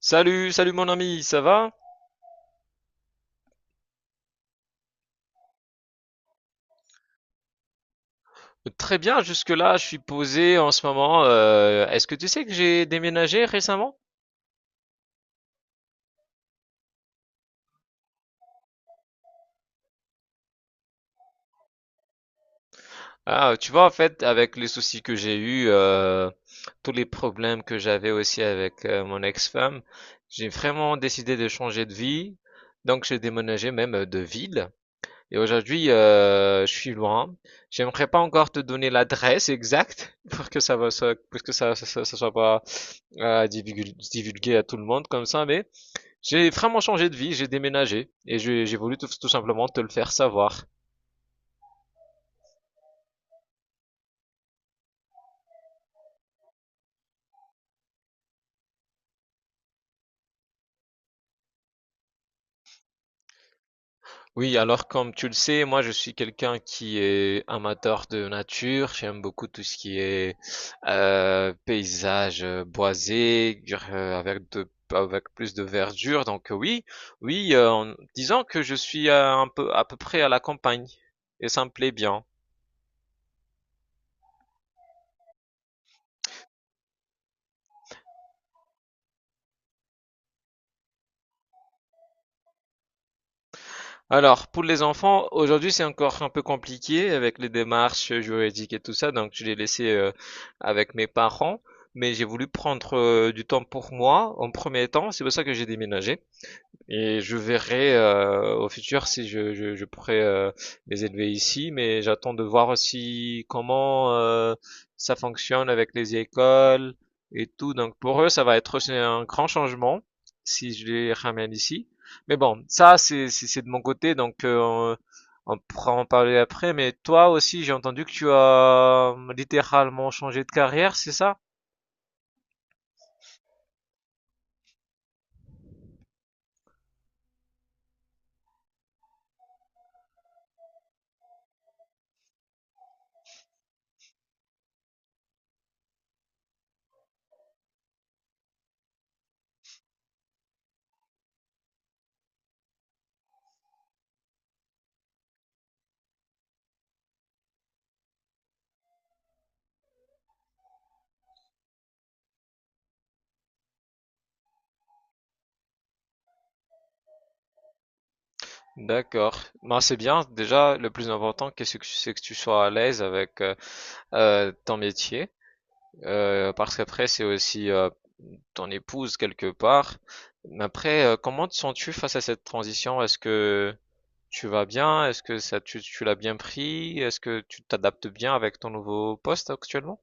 Salut, salut mon ami, ça va? Très bien, jusque-là, je suis posé en ce moment. Est-ce que tu sais que j'ai déménagé récemment? Ah, tu vois, en fait, avec les soucis que j'ai eus, tous les problèmes que j'avais aussi avec mon ex-femme, j'ai vraiment décidé de changer de vie. Donc, j'ai déménagé même de ville. Et aujourd'hui, je suis loin. J'aimerais pas encore te donner l'adresse exacte pour que ça soit pas divulgué à tout le monde comme ça. Mais j'ai vraiment changé de vie, j'ai déménagé et j'ai voulu tout simplement te le faire savoir. Oui, alors comme tu le sais, moi je suis quelqu'un qui est amateur de nature, j'aime beaucoup tout ce qui est paysage boisé, euh, avec de avec plus de verdure. Donc oui, oui, en disant que je suis un peu à peu près à la campagne et ça me plaît bien. Alors, pour les enfants, aujourd'hui, c'est encore un peu compliqué avec les démarches juridiques et tout ça, donc je l'ai laissé avec mes parents, mais j'ai voulu prendre du temps pour moi en premier temps, c'est pour ça que j'ai déménagé. Et je verrai au futur si je pourrais les élever ici, mais j'attends de voir aussi comment ça fonctionne avec les écoles et tout. Donc pour eux, ça va être aussi un grand changement si je les ramène ici. Mais bon, ça c'est de mon côté, donc on pourra en parler après. Mais toi aussi, j'ai entendu que tu as littéralement changé de carrière, c'est ça? D'accord. Ben, c'est bien. Déjà, le plus important, qu'est-ce que c'est que tu sois à l'aise avec ton métier, parce qu'après, c'est aussi ton épouse quelque part. Mais après, comment te sens-tu face à cette transition? Est-ce que tu vas bien? Est-ce que ça, tu l'as bien pris? Est-ce que tu t'adaptes bien avec ton nouveau poste actuellement?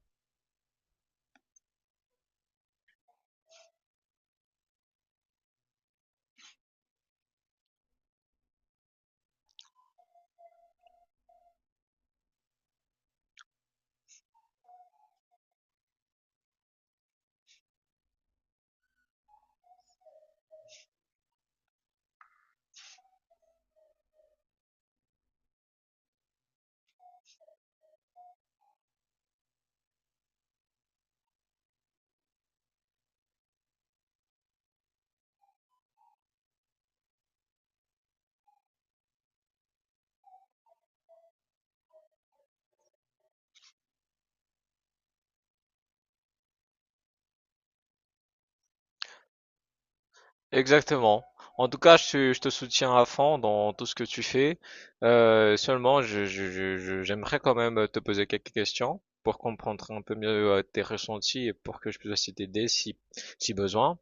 Exactement. En tout cas, je te soutiens à fond dans tout ce que tu fais. Seulement, j'aimerais quand même te poser quelques questions pour comprendre un peu mieux tes ressentis et pour que je puisse aussi t'aider si besoin.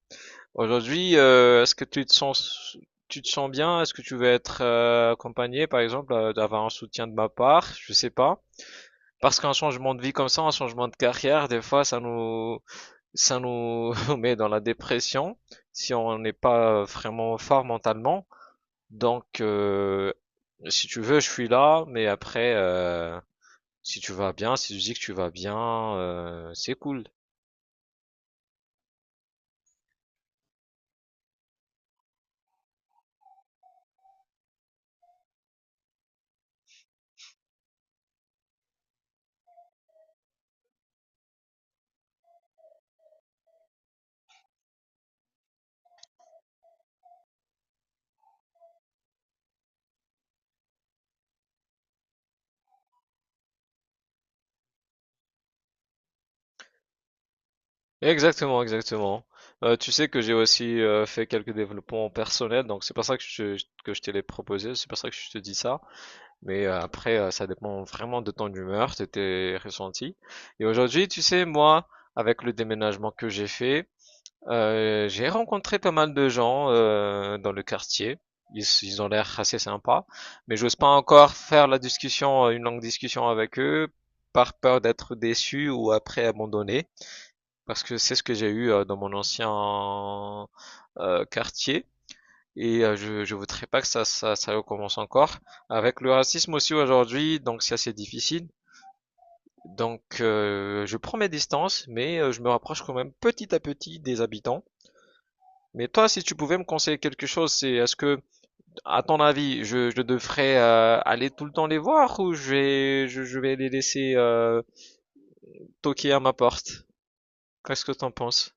Aujourd'hui, est-ce que tu te sens bien? Est-ce que tu veux être accompagné, par exemple, d'avoir un soutien de ma part? Je sais pas. Parce qu'un changement de vie comme ça, un changement de carrière, des fois, ça nous met dans la dépression si on n'est pas vraiment fort mentalement. Donc, si tu veux, je suis là, mais après, si tu vas bien, si tu dis que tu vas bien, c'est cool. Exactement, exactement. Tu sais que j'ai aussi fait quelques développements personnels, donc c'est pas ça que que je te les proposé, c'est pas ça que je te dis ça. Mais après, ça dépend vraiment de ton humeur, de tes ressentis. Et aujourd'hui, tu sais, moi, avec le déménagement que j'ai fait, j'ai rencontré pas mal de gens dans le quartier. Ils ont l'air assez sympas, mais j'ose pas encore faire la discussion, une longue discussion avec eux, par peur d'être déçu ou après abandonné, parce que c'est ce que j'ai eu dans mon ancien quartier. Et je voudrais pas que ça recommence encore. Avec le racisme aussi aujourd'hui, donc c'est assez difficile. Donc je prends mes distances, mais je me rapproche quand même petit à petit des habitants. Mais toi, si tu pouvais me conseiller quelque chose, c'est est-ce que, à ton avis, je devrais aller tout le temps les voir, ou je vais les laisser toquer à ma porte? Qu'est-ce que t'en penses?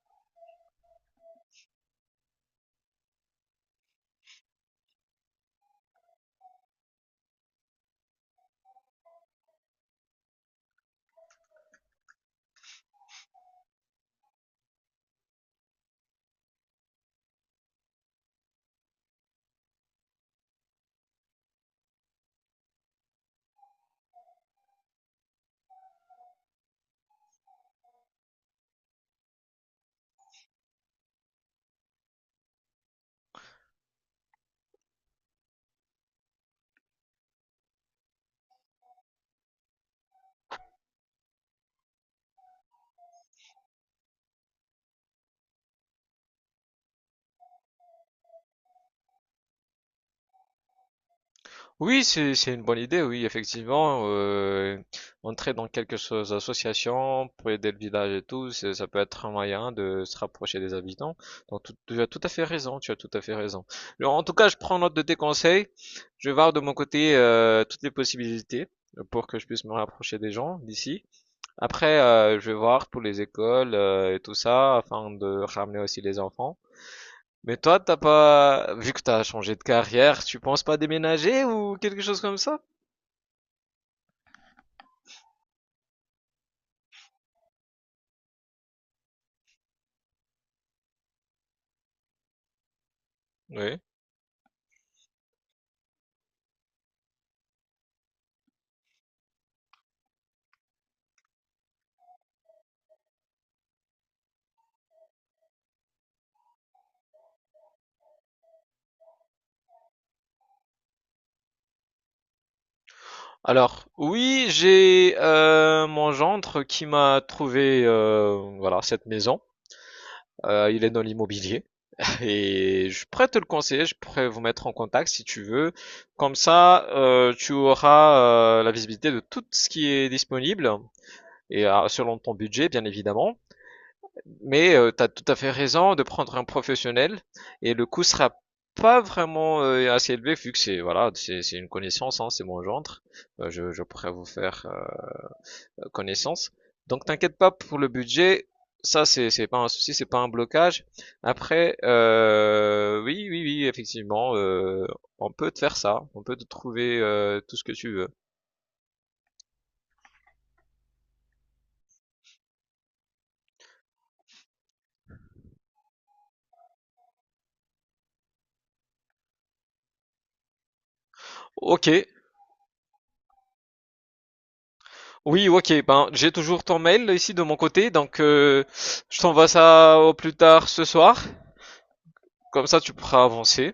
Oui, c'est une bonne idée, oui, effectivement. Entrer dans quelques associations pour aider le village et tout, ça peut être un moyen de se rapprocher des habitants. Donc tu as tout à fait raison, tu as tout à fait raison. Alors, en tout cas, je prends note de tes conseils. Je vais voir de mon côté toutes les possibilités pour que je puisse me rapprocher des gens d'ici. Après, je vais voir pour les écoles et tout ça, afin de ramener aussi les enfants. Mais toi, t'as pas, vu que t'as changé de carrière, tu penses pas déménager ou quelque chose comme ça? Oui. Alors, oui, j'ai mon gendre qui m'a trouvé voilà cette maison. Il est dans l'immobilier et je pourrais te le conseiller. Je pourrais vous mettre en contact si tu veux. Comme ça, tu auras la visibilité de tout ce qui est disponible et selon ton budget, bien évidemment. Mais tu as tout à fait raison de prendre un professionnel, et le coût sera pas vraiment assez élevé vu que c'est voilà, c'est une connaissance, hein, c'est mon gendre. Je pourrais vous faire connaissance. Donc t'inquiète pas pour le budget, ça c'est pas un souci, c'est pas un blocage. Après, oui oui oui, effectivement, on peut te faire ça, on peut te trouver tout ce que tu veux. Ok, oui ok, ben j'ai toujours ton mail ici de mon côté, donc je t'envoie ça au plus tard ce soir. Comme ça, tu pourras avancer.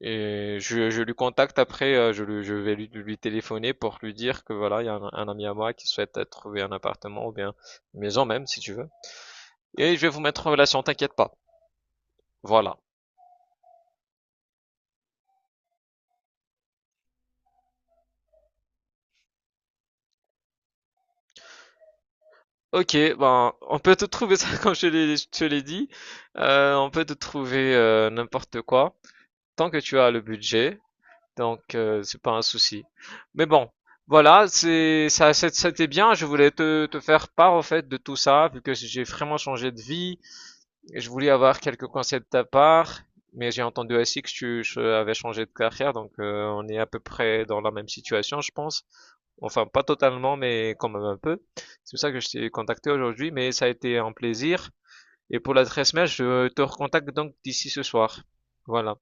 Et je lui contacte après. Je vais lui téléphoner pour lui dire que voilà, il y a un ami à moi qui souhaite trouver un appartement ou bien une maison même, si tu veux. Et je vais vous mettre en relation, t'inquiète pas. Voilà. Ok, ben, on peut te trouver ça comme je te l'ai dit. On peut te trouver n'importe quoi. Tant que tu as le budget, donc, c'est pas un souci. Mais bon, voilà, c'est ça, c'était bien. Je voulais te faire part au fait de tout ça, vu que j'ai vraiment changé de vie. Et je voulais avoir quelques conseils de ta part, mais j'ai entendu aussi que tu avais changé de carrière, donc on est à peu près dans la même situation, je pense. Enfin, pas totalement, mais quand même un peu. C'est pour ça que je t'ai contacté aujourd'hui, mais ça a été un plaisir. Et pour l'adresse mail, je te recontacte donc d'ici ce soir. Voilà.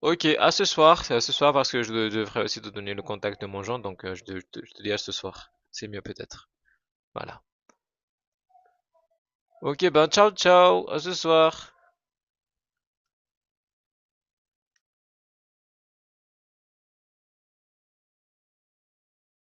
Ok, à ce soir, à ce soir, parce que devrais aussi te donner le contact de mon jean, donc je te dis à ce soir. C'est mieux peut-être. Voilà. Ok, ben ciao ciao, à ce soir.